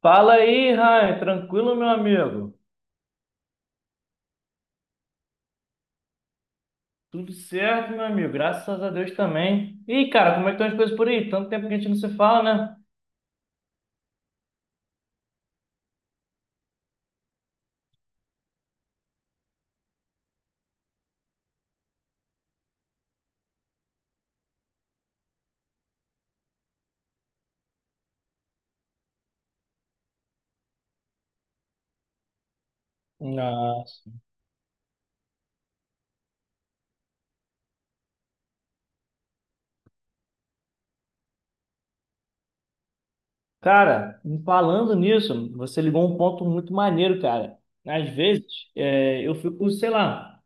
Fala aí, Ryan. Tranquilo, meu amigo? Tudo certo, meu amigo. Graças a Deus também. E, cara, como é que estão as coisas por aí? Tanto tempo que a gente não se fala, né? Nossa. Cara, falando nisso, você ligou um ponto muito maneiro, cara. Às vezes, eu fico, sei lá,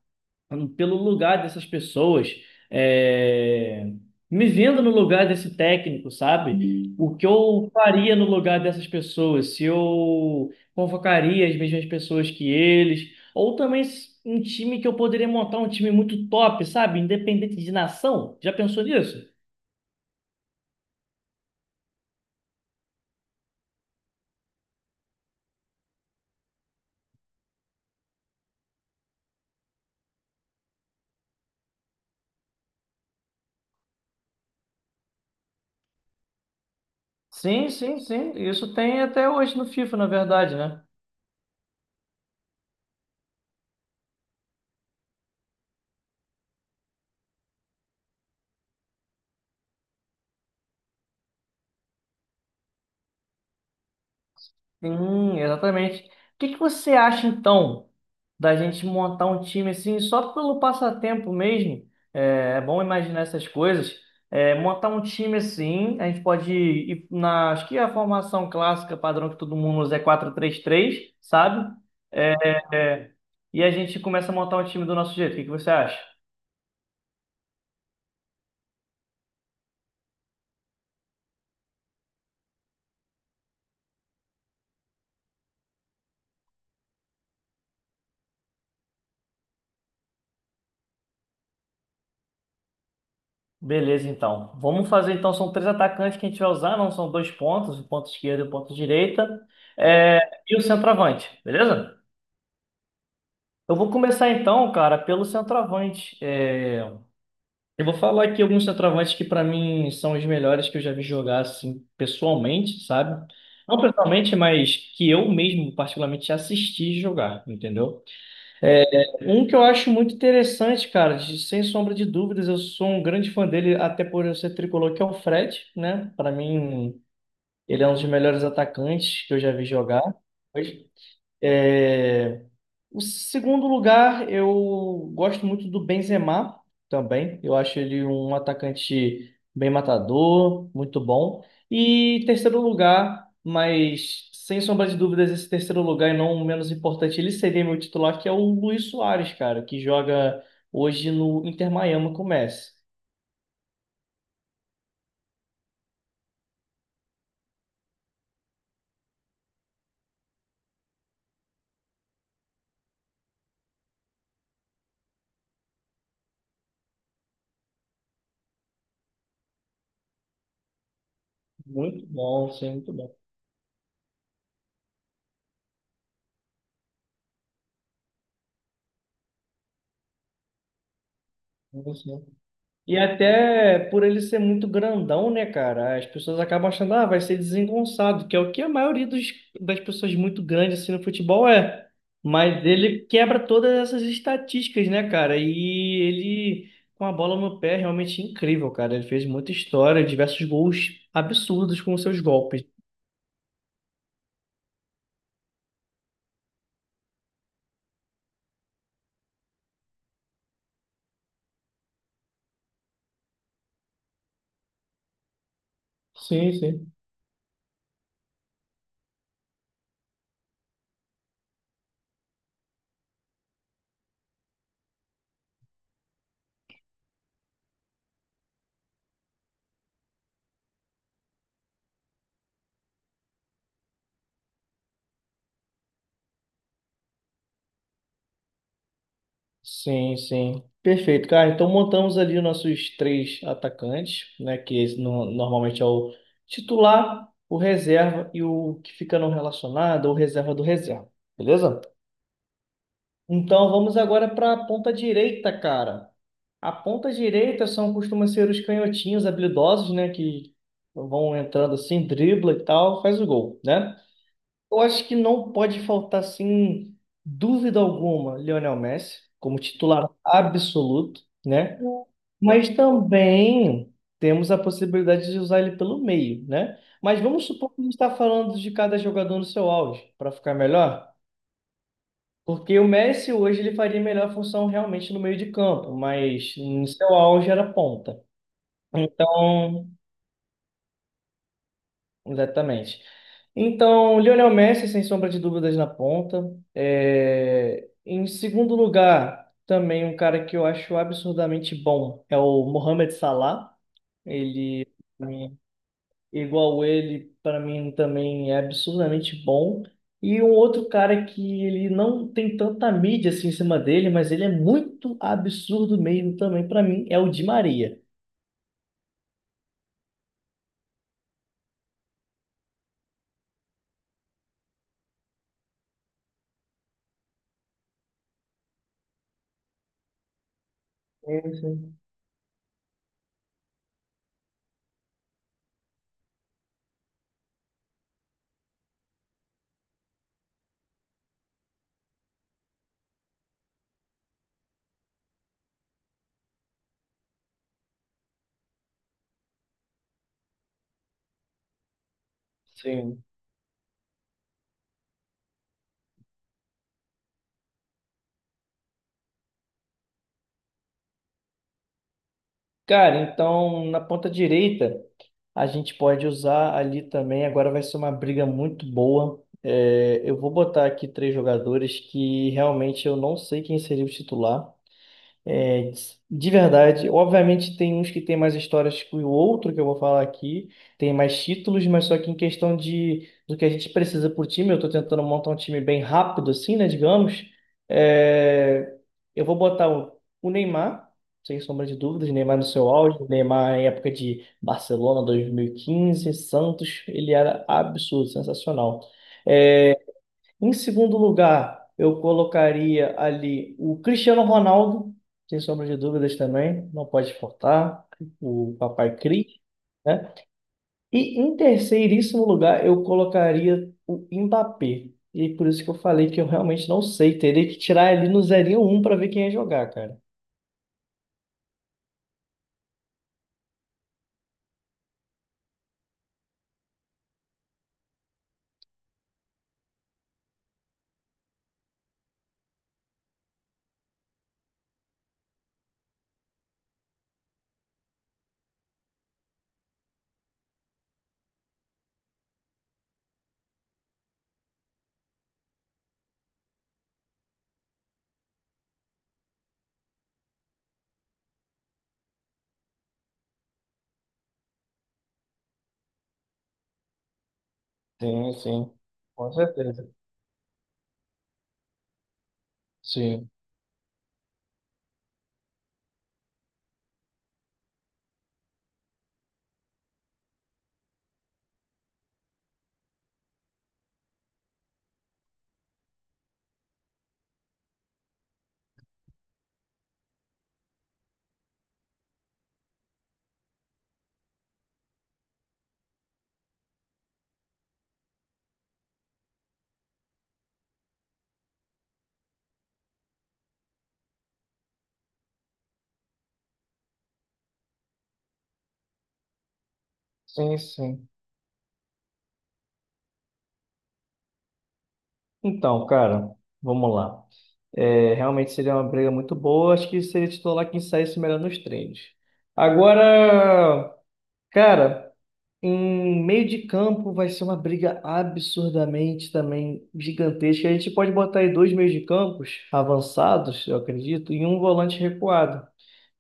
pelo lugar dessas pessoas, é, me vendo no lugar desse técnico, sabe? O que eu faria no lugar dessas pessoas, se eu convocaria as mesmas pessoas que eles, ou também um time que eu poderia montar um time muito top, sabe? Independente de nação. Já pensou nisso? Sim, sim, sim. Isso tem até hoje no FIFA, na verdade, né? Sim, exatamente. O que que você acha então da gente montar um time assim só pelo passatempo mesmo? É, é bom imaginar essas coisas. É, montar um time assim, a gente pode ir na, acho que é a formação clássica padrão que todo mundo usa é quatro três três, sabe? É, e a gente começa a montar um time do nosso jeito. O que que você acha? Beleza, então. Vamos fazer, então, são três atacantes que a gente vai usar, não são dois pontos, o ponto esquerdo e o ponto direita, é, e o centroavante, beleza? Eu vou começar então, cara, pelo centroavante. Eu vou falar aqui alguns centroavantes que pra mim são os melhores que eu já vi jogar assim pessoalmente, sabe? Não pessoalmente, mas que eu mesmo particularmente assisti jogar, entendeu? É, Um que eu acho muito interessante, cara, sem sombra de dúvidas, eu sou um grande fã dele, até por eu ser tricolor, que é o Fred, né? Pra mim, ele é um dos melhores atacantes que eu já vi jogar. É, O segundo lugar, eu gosto muito do Benzema também. Eu acho ele um atacante bem matador, muito bom. E terceiro lugar, mas sem sombra de dúvidas, esse terceiro lugar, e não o menos importante, ele seria meu titular, que é o Luis Soares, cara, que joga hoje no Inter Miami com o Messi. Muito bom, sim, muito bom. E até por ele ser muito grandão, né, cara? As pessoas acabam achando, ah, vai ser desengonçado, que é o que a maioria dos, das pessoas muito grandes assim no futebol é. Mas ele quebra todas essas estatísticas, né, cara? E ele, com a bola no pé, é realmente incrível, cara. Ele fez muita história, diversos gols absurdos com seus golpes. Sim, sim. Sim, sim. Perfeito, cara. Então montamos ali os nossos três atacantes, né? Que esse normalmente é o titular, o reserva e o que fica não relacionado, ou reserva do reserva. Beleza? Então vamos agora para a ponta direita, cara. A ponta direita são costuma ser os canhotinhos habilidosos, né? Que vão entrando assim, dribla e tal, faz o gol, né? Eu acho que não pode faltar, sem dúvida alguma, Lionel Messi, como titular absoluto, né? Mas também temos a possibilidade de usar ele pelo meio, né? Mas vamos supor que a gente está falando de cada jogador no seu auge, para ficar melhor. Porque o Messi hoje ele faria melhor função realmente no meio de campo, mas no seu auge era ponta. Então, exatamente. Então, Lionel Messi, sem sombra de dúvidas, na ponta. Em segundo lugar, também um cara que eu acho absurdamente bom é o Mohamed Salah. Ele, pra mim, igual ele, para mim também é absurdamente bom. E um outro cara que ele não tem tanta mídia assim em cima dele, mas ele é muito absurdo mesmo também para mim, é o Di Maria. Sim, sim. Sim. Cara, então na ponta direita, a gente pode usar ali também. Agora vai ser uma briga muito boa. É, eu vou botar aqui três jogadores que realmente eu não sei quem seria o titular. É, de verdade, obviamente tem uns que tem mais histórias que o outro que eu vou falar aqui, tem mais títulos, mas só que em questão de do que a gente precisa por time, eu tô tentando montar um time bem rápido assim, né, digamos. É, eu vou botar o Neymar, sem sombra de dúvidas, Neymar no seu auge, Neymar em época de Barcelona 2015, Santos, ele era absurdo, sensacional. É, em segundo lugar, eu colocaria ali o Cristiano Ronaldo, sem sombra de dúvidas também, não pode faltar, o Papai Cris, né? E em terceiríssimo lugar, eu colocaria o Mbappé. E é por isso que eu falei que eu realmente não sei, teria que tirar ali no zerinho um para ver quem ia jogar, cara. Sim, sim, com certeza. Sim, sim, sim. Então, cara, vamos lá. É, realmente seria uma briga muito boa. Acho que seria titular quem saísse melhor nos treinos. Agora, cara, em meio de campo vai ser uma briga absurdamente também gigantesca. A gente pode botar aí dois meios de campos avançados, eu acredito, e um volante recuado.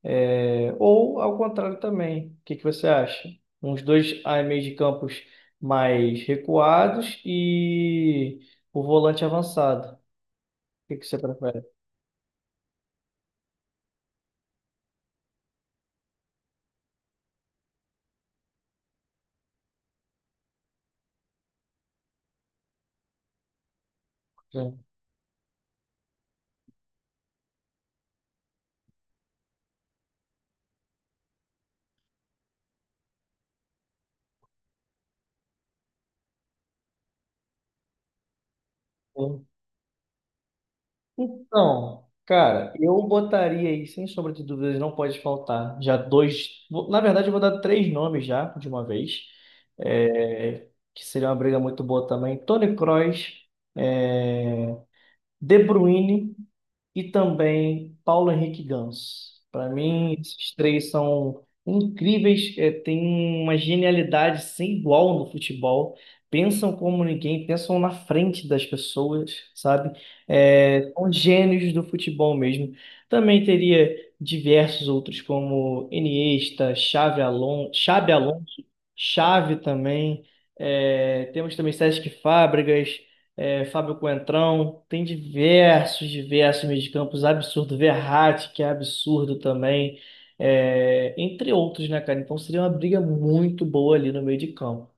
É, ou ao contrário também. O que que você acha? Uns dois meios de campos mais recuados e o volante avançado. O que que você prefere? Então, cara, eu botaria aí, sem sombra de dúvidas, não pode faltar. Já dois. Na verdade, eu vou dar três nomes já, de uma vez. É, que seria uma briga muito boa também. Toni Kroos, é, De Bruyne e também Paulo Henrique Ganso. Para mim, esses três são incríveis, têm uma genialidade sem igual no futebol. Pensam como ninguém, pensam na frente das pessoas, sabe? É, são gênios do futebol mesmo. Também teria diversos outros, como Iniesta, Xavi Alonso, Xabi Alonso, Xavi também. É, temos também Sesc Fábregas, Fábio Coentrão, tem diversos, diversos mediacampos absurdo Verratti, que é absurdo também, entre outros, né, cara? Então seria uma briga muito boa ali no meio de campo.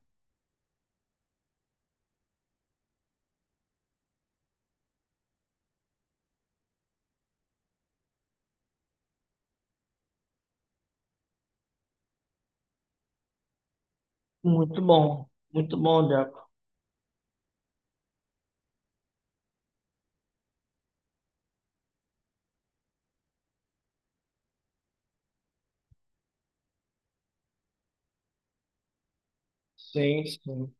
Muito bom, Deco. Sim, sim.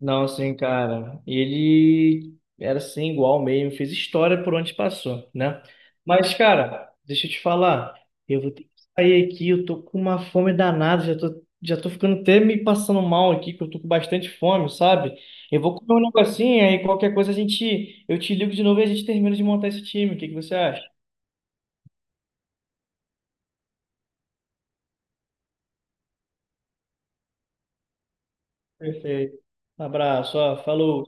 Não, sim, cara. Ele era assim, igual mesmo, fez história por onde passou, né? Mas, cara, deixa eu te falar, eu vou ter que sair aqui, eu tô com uma fome danada, já tô ficando até me passando mal aqui, que eu tô com bastante fome, sabe? Eu vou comer um negocinho, aí qualquer coisa a gente, eu te ligo de novo e a gente termina de montar esse time. O que que você acha? Perfeito. Um abraço, ó, falou.